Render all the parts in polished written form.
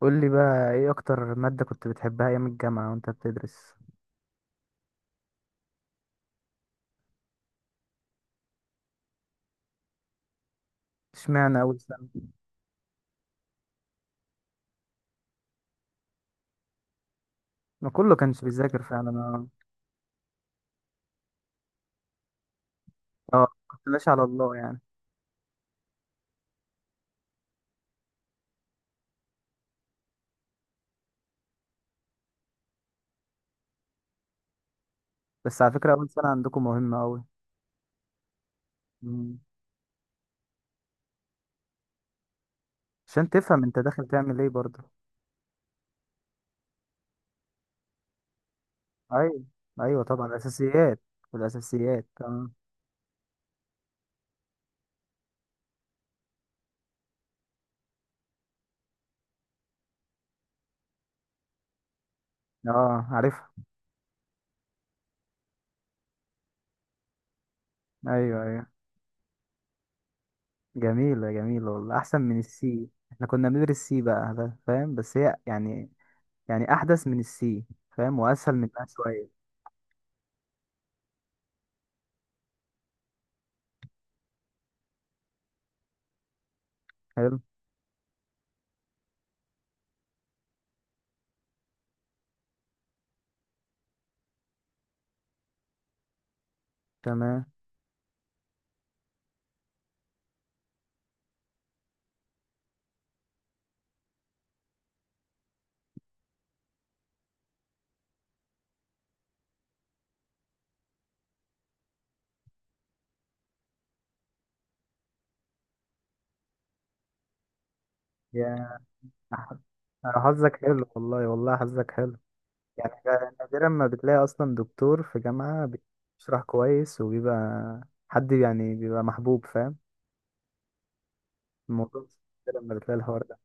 قول لي بقى ايه اكتر مادة كنت بتحبها ايام الجامعة وانت بتدرس؟ اشمعنى اول سنة؟ ما كله كانش بيذاكر فعلا. انا اه كنت ماشي على الله يعني. بس على فكرة اول سنة عندكم مهمة قوي، عشان تفهم انت داخل تعمل ايه برضه. ايوه ايوه طبعا، الاساسيات. الاساسيات اه. اه عارفها. ايوه. جميلة والله، احسن من السي. احنا كنا بندرس سي بقى، ده فاهم، بس هي يعني يعني احدث من السي، فاهم، واسهل منها شوية. حلو، تمام. يا أحمد، أنا حظك حلو والله، والله حظك حلو. يعني نادرا ما بتلاقي أصلا دكتور في جامعة بيشرح كويس، وبيبقى حد يعني بيبقى محبوب، فاهم الموضوع. نادرا ما بتلاقي الحوار ده.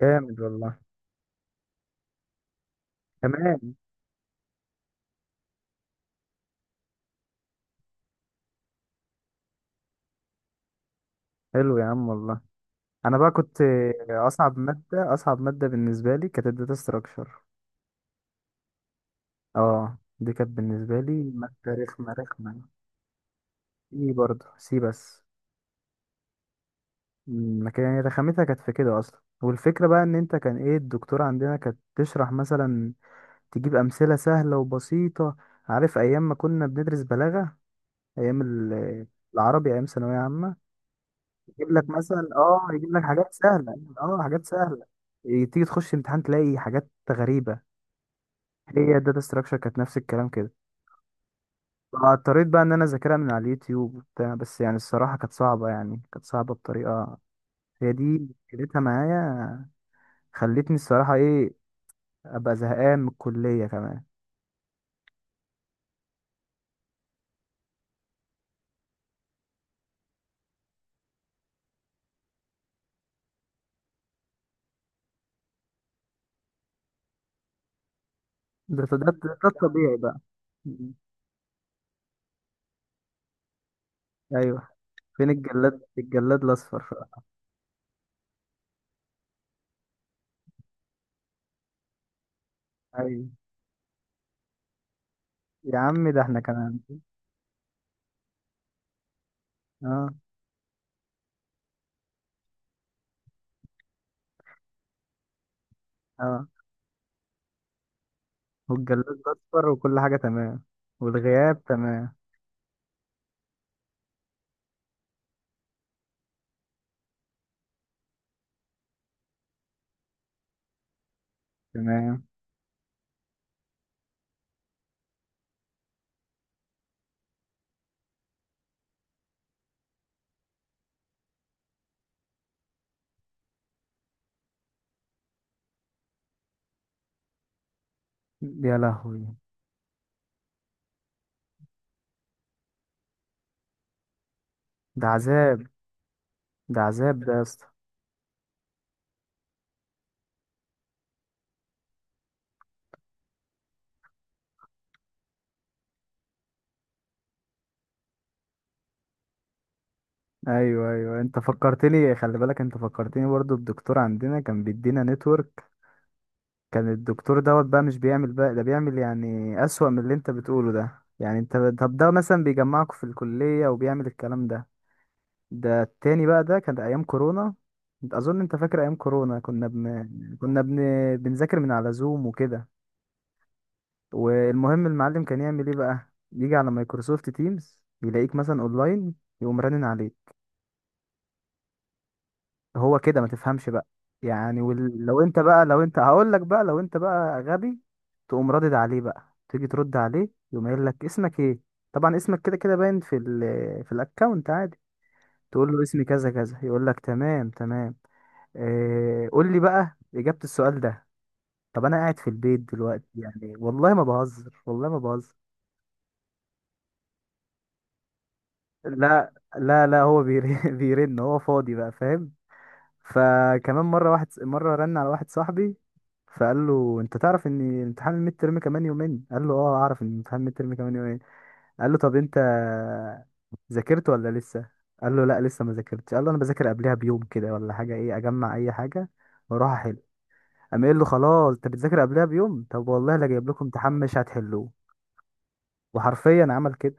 جامد والله. تمام. حلو يا عم والله. أنا بقى كنت، أصعب مادة، أصعب مادة بالنسبة لي كانت الداتا ستراكشر. اه دي كانت بالنسبة لي مادة رخمة. سي برضه، سي بس. ما كان يعني رخامتها كانت في كده اصلا. والفكره بقى ان انت كان ايه، الدكتور عندنا كانت تشرح مثلا، تجيب امثله سهله وبسيطه. عارف ايام ما كنا بندرس بلاغه، ايام ال- العربي، ايام ثانويه عامه. يجيب لك مثلا يجيب لك حاجات سهله، اه حاجات سهله، تيجي تخش امتحان تلاقي حاجات غريبه. هي الداتا ستراكشر كانت نفس الكلام كده. اضطريت بقى ان انا اذاكرها من على اليوتيوب وبتاع، بس يعني الصراحه كانت صعبه، يعني كانت صعبه بطريقه. هي دي مشكلتها معايا. خلتني الصراحة ايه، ابقى زهقان من الكليه كمان. ده ده الطبيعي بقى. م- ايوه. فين الجلاد، الجلاد الاصفر بقى؟ ايوه يا عم، ده احنا كمان. اه اه. والجلاد الاصفر وكل حاجه تمام. والغياب تمام. تمام. يا لهوي، ده عذاب. ده عذاب ده يا اسطى. ايوه ايوه، انت فكرتني، خلي بالك، انت فكرتني برضو. الدكتور عندنا كان بيدينا نتورك، كان الدكتور دوت بقى، مش بيعمل بقى ده، بيعمل يعني أسوأ من اللي انت بتقوله ده، يعني انت. طب ده مثلا بيجمعكوا في الكلية وبيعمل الكلام ده؟ ده التاني بقى، ده كان أيام كورونا، انت أظن انت فاكر أيام كورونا. كنا بن... بنذاكر من على زوم وكده. والمهم المعلم كان يعمل ايه بقى، يجي على مايكروسوفت تيمز يلاقيك مثلا اونلاين، يقوم رنن عليك. هو كده ما تفهمش بقى. لو انت بقى، لو انت هقول لك بقى، لو انت بقى غبي، تقوم رادد عليه بقى، تيجي ترد عليه، يقوم قايل لك اسمك ايه. طبعا اسمك كده كده باين في في الاكونت عادي. تقول له اسمي كذا كذا، يقول لك تمام تمام. اه... قول لي بقى اجابة السؤال ده. طب انا قاعد في البيت دلوقتي يعني، والله ما بهزر، والله ما بهزر. لا لا لا، هو بيرن بيرن، هو فاضي بقى، فاهم. فكمان مره، واحد مره رن على واحد صاحبي، فقال له انت تعرف ان امتحان الميد ترم كمان يومين؟ قال له اه اعرف ان امتحان الميد ترم كمان يومين. قال له طب انت ذاكرت ولا لسه؟ قال له لا لسه ما ذاكرتش، قال له انا بذاكر قبلها بيوم كده ولا حاجه، ايه اجمع اي حاجه واروح احل. قام قايل له خلاص انت بتذاكر قبلها بيوم، طب والله لا جايب لكم امتحان مش هتحلوه. وحرفيا عمل كده.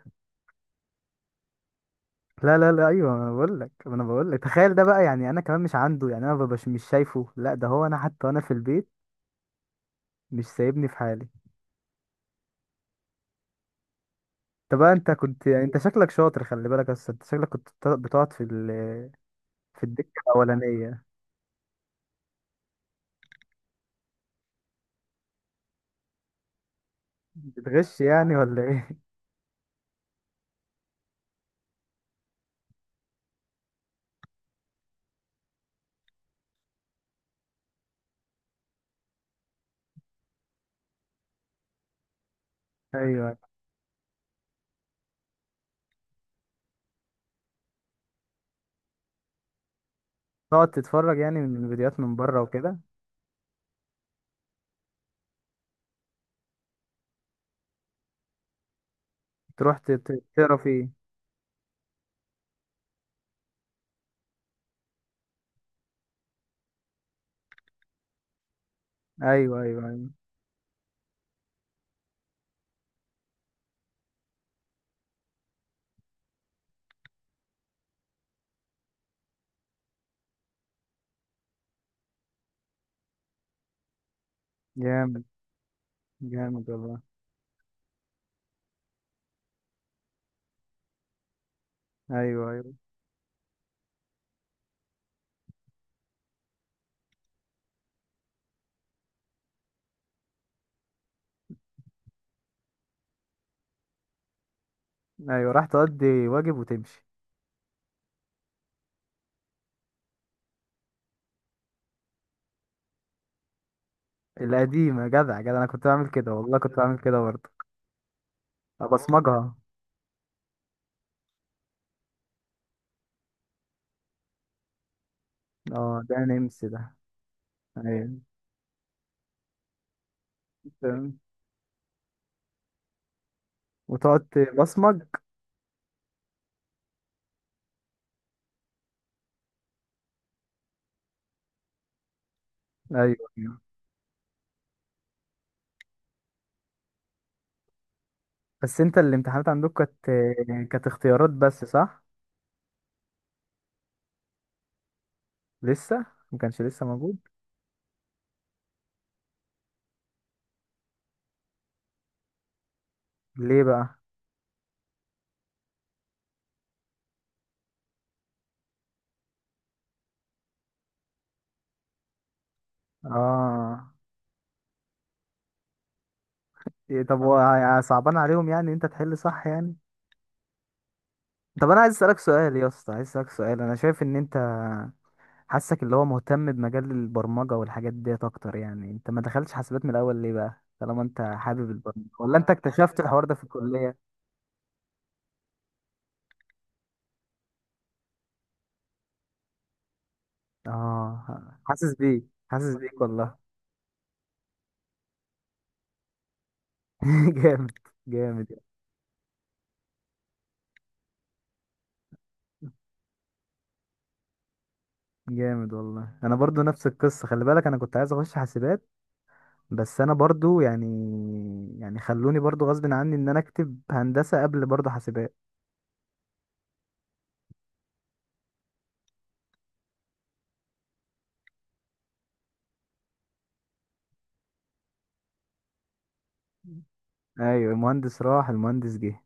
لا لا لا، ايوه انا بقول لك، انا بقول لك تخيل ده بقى. يعني انا كمان مش عنده، يعني انا مبقاش مش شايفه. لا ده هو انا حتى وانا في البيت مش سايبني في حالي. طب انت كنت يعني انت شكلك شاطر، خلي بالك، بس انت شكلك بتقعد في في الدكه الاولانيه. بتغش يعني ولا ايه؟ ايوه تقعد تتفرج يعني من فيديوهات من بره وكده. تروح تقرا فيه. ايوه. جامد. جامد والله. ايوه ايوه ايوه، راح تقضي واجب وتمشي. القديمه، جدع جدع، انا كنت بعمل كده والله، كنت بعمل كده برضه. ابصمجها. اه ده نمس ده. ايوه، وتقعد تبصمج. ايوه. بس انت الامتحانات عندك كانت، كانت اختيارات بس، صح؟ لسه، ما كانش لسه موجود. ليه بقى؟ اه. إيه، طب هو صعبان عليهم يعني إن انت تحل صح يعني؟ طب انا عايز اسالك سؤال يا اسطى، عايز اسالك سؤال، انا شايف ان انت، حاسك اللي هو مهتم بمجال البرمجه والحاجات ديت اكتر، يعني انت ما دخلتش حاسبات من الاول ليه بقى طالما انت حابب البرمجه، ولا انت اكتشفت الحوار ده في الكليه؟ اه حاسس بيك. حاسس بيك والله. جامد. جامد. جامد والله، انا برضو نفس القصه، خلي بالك، انا كنت عايز اخش حاسبات، بس انا برضو يعني، يعني خلوني برضو غصب عني ان انا اكتب هندسه قبل برضو حاسبات. ايوه، المهندس راح المهندس جه.